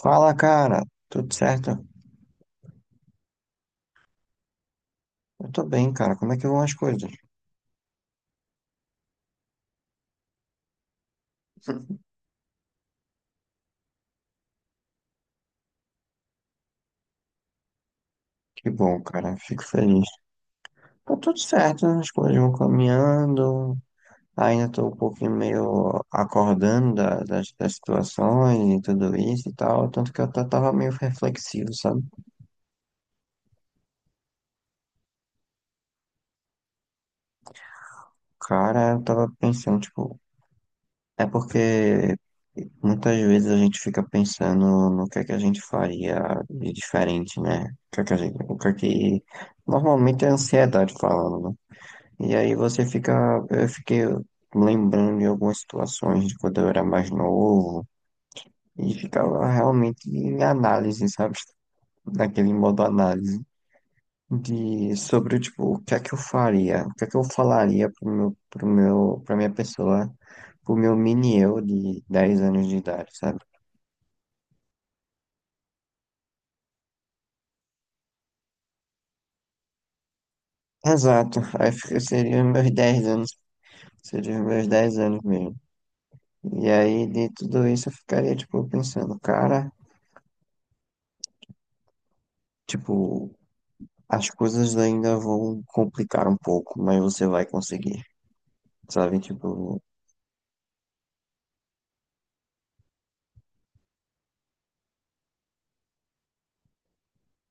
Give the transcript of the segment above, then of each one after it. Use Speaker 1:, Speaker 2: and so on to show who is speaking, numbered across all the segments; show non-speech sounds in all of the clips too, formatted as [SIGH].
Speaker 1: Fala, cara. Tudo certo? Eu tô bem, cara. Como é que vão as coisas? [LAUGHS] Que bom, cara. Fico feliz. Tá tudo certo, né? As coisas vão caminhando. Ainda tô um pouquinho meio acordando das situações e tudo isso e tal. Tanto que eu até tava meio reflexivo, sabe? Cara, eu tava pensando, tipo, é porque muitas vezes a gente fica pensando no que é que a gente faria de diferente, né? O que é que a gente, o que é que normalmente é a ansiedade falando, né? E aí você fica, eu fiquei lembrando de algumas situações de quando eu era mais novo e ficava realmente em análise, sabe? Naquele modo análise de sobre tipo o que é que eu faria, o que é que eu falaria pra minha pessoa, pro meu mini eu de 10 anos de idade, sabe? Exato, aí seria os meus 10 anos, seria os meus 10 anos mesmo. E aí de tudo isso eu ficaria tipo pensando, cara, tipo, as coisas ainda vão complicar um pouco, mas você vai conseguir. Sabe, tipo,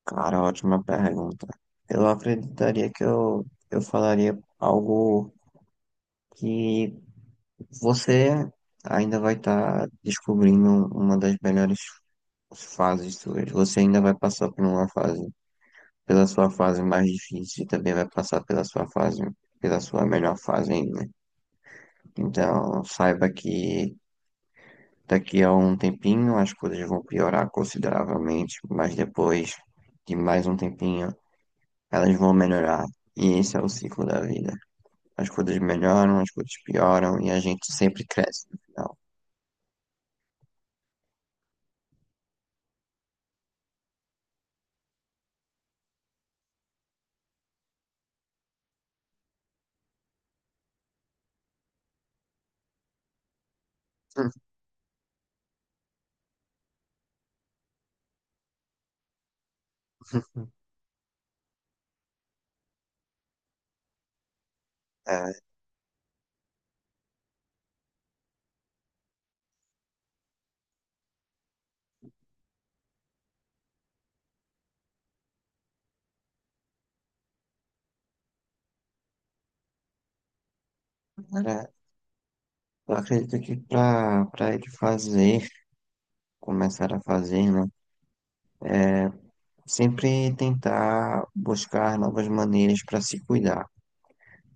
Speaker 1: cara, ótima pergunta. Eu acreditaria que eu falaria algo que você ainda vai estar descobrindo uma das melhores fases suas. Você ainda vai passar por uma fase, pela sua fase mais difícil, e também vai passar pela sua fase, pela sua melhor fase ainda. Então, saiba que daqui a um tempinho as coisas vão piorar consideravelmente, mas depois de mais um tempinho elas vão melhorar. E esse é o ciclo da vida. As coisas melhoram, as coisas pioram e a gente sempre cresce no final. [LAUGHS] É, era- eu acredito que para ele fazer, começar a fazer, né? Sempre tentar buscar novas maneiras para se cuidar,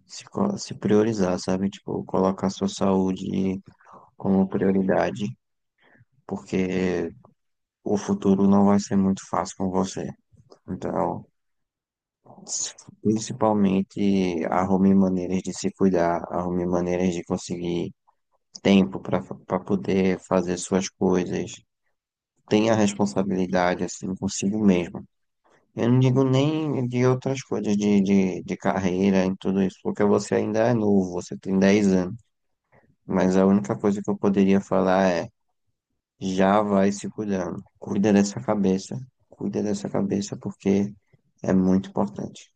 Speaker 1: se priorizar, sabe? Tipo, colocar sua saúde como prioridade, porque o futuro não vai ser muito fácil com você. Então, principalmente, arrume maneiras de se cuidar, arrume maneiras de conseguir tempo para poder fazer suas coisas. Tenha responsabilidade, assim, consigo mesmo. Eu não digo nem de outras coisas, de carreira, em tudo isso, porque você ainda é novo, você tem 10 anos. Mas a única coisa que eu poderia falar é: já vai se cuidando. Cuida dessa cabeça. Cuida dessa cabeça porque é muito importante.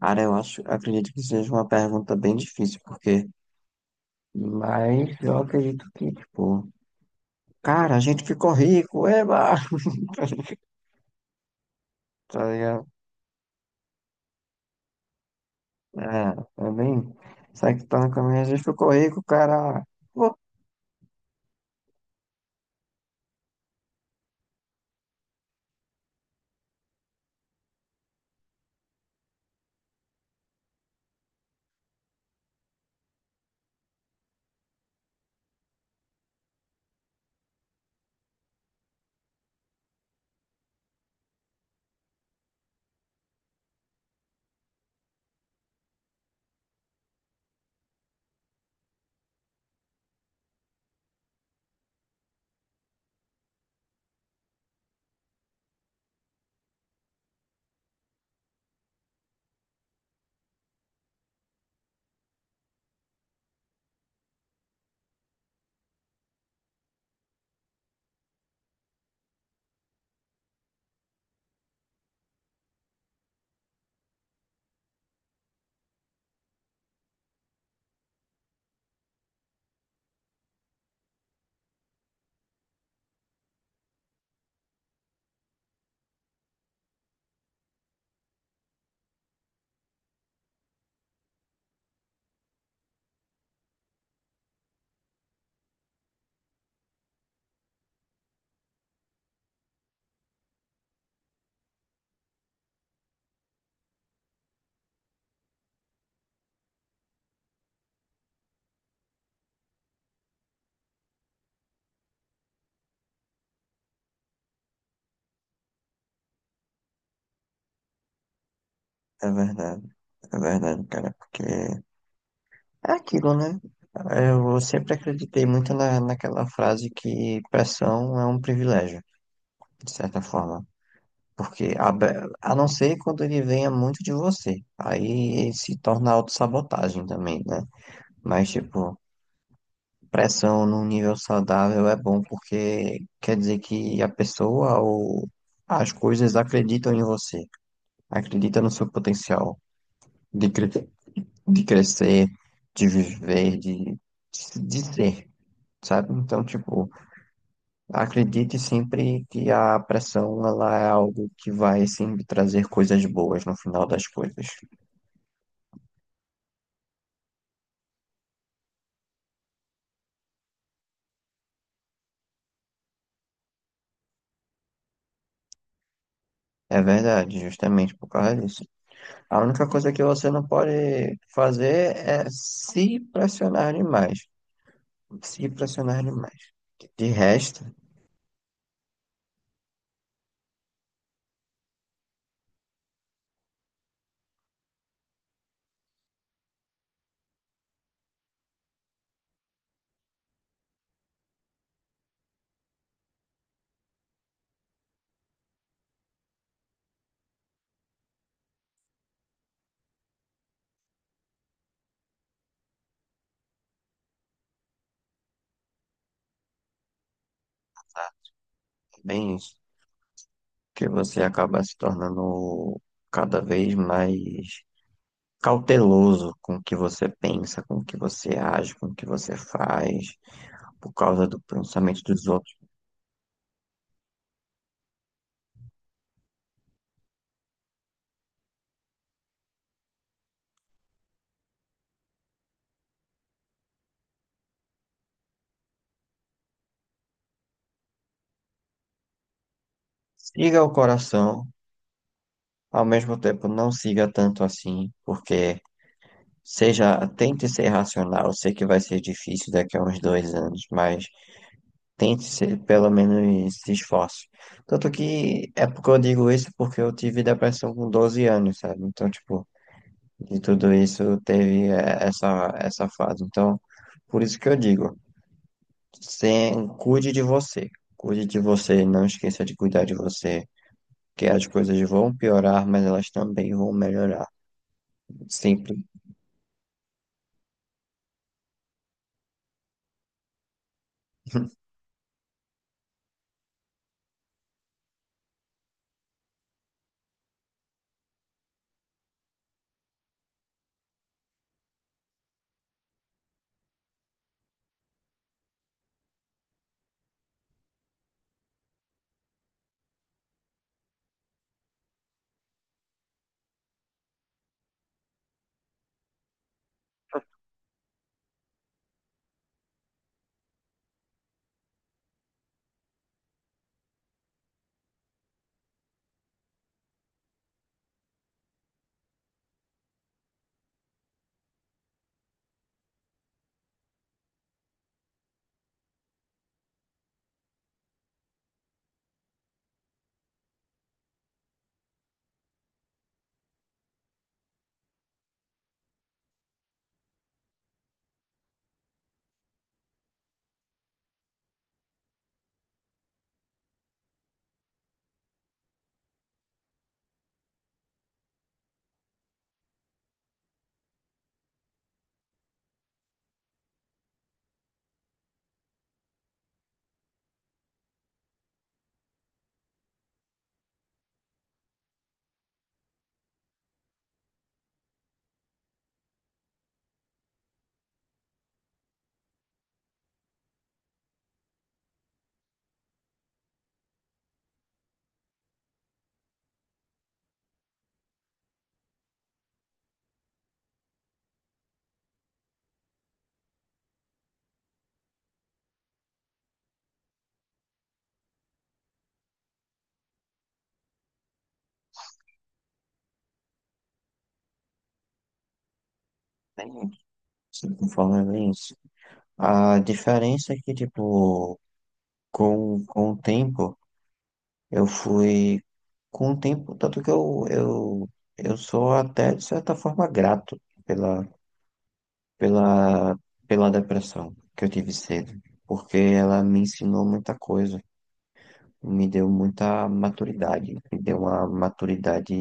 Speaker 1: Cara, eu acho, acredito que seja uma pergunta bem difícil, porque. Mas eu acredito que, tipo, cara, a gente ficou rico, eba! [LAUGHS] Tá ligado? É, também. Sai que tá no caminho, a gente ficou rico, cara. Pô, é verdade, é verdade, cara, porque é aquilo, né? Eu sempre acreditei muito na, naquela frase que pressão é um privilégio. De certa forma. Porque a não ser quando ele venha muito de você. Aí ele se torna autossabotagem também, né? Mas, tipo, pressão num nível saudável é bom porque quer dizer que a pessoa ou as coisas acreditam em você, acreditam no seu potencial de, cre- de crescer, de viver, de ser, sabe? Então, tipo, acredite sempre que a pressão ela é algo que vai sempre trazer coisas boas no final das coisas. É verdade, justamente por causa disso. A única coisa que você não pode fazer é se pressionar demais. Se pressionar demais. De resto, é bem isso. Que você acaba se tornando cada vez mais cauteloso com o que você pensa, com o que você age, com o que você faz, por causa do pensamento dos outros. Siga o coração, ao mesmo tempo não siga tanto assim, porque seja, tente ser racional. Sei que vai ser difícil daqui a uns 2 anos, mas tente ser, pelo menos se esforce. Tanto que é porque eu digo isso porque eu tive depressão com 12 anos, sabe? Então, tipo, de tudo isso teve essa fase. Então, por isso que eu digo, sem, cuide de você. Cuide de você, não esqueça de cuidar de você. Que as coisas vão piorar, mas elas também vão melhorar. Sempre, [LAUGHS] sempre conforme é isso. A diferença é que, tipo, com o tempo, eu fui. Com o tempo, tanto que eu sou até, de certa forma, grato pela, pela, pela depressão que eu tive cedo, porque ela me ensinou muita coisa, me deu muita maturidade, me deu uma maturidade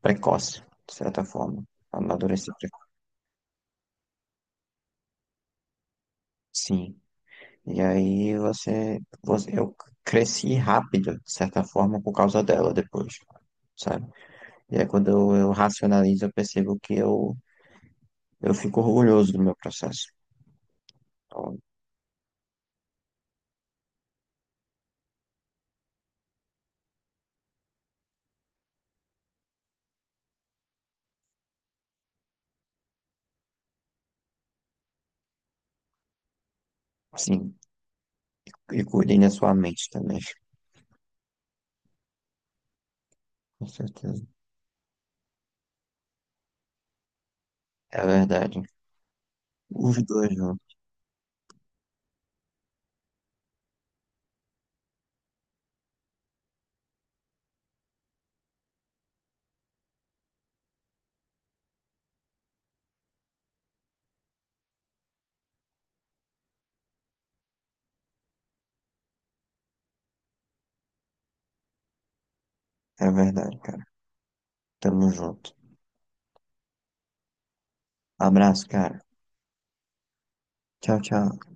Speaker 1: precoce, de certa forma. Amadureci. Sim. E aí eu cresci rápido, de certa forma, por causa dela depois, sabe? E aí quando eu racionalizo, eu percebo que eu fico orgulhoso do meu processo. Então, sim. E cuidem da sua mente também, com certeza. É verdade. Os dois juntos. É verdade, cara. Tamo junto. Abraço, cara. Tchau, tchau.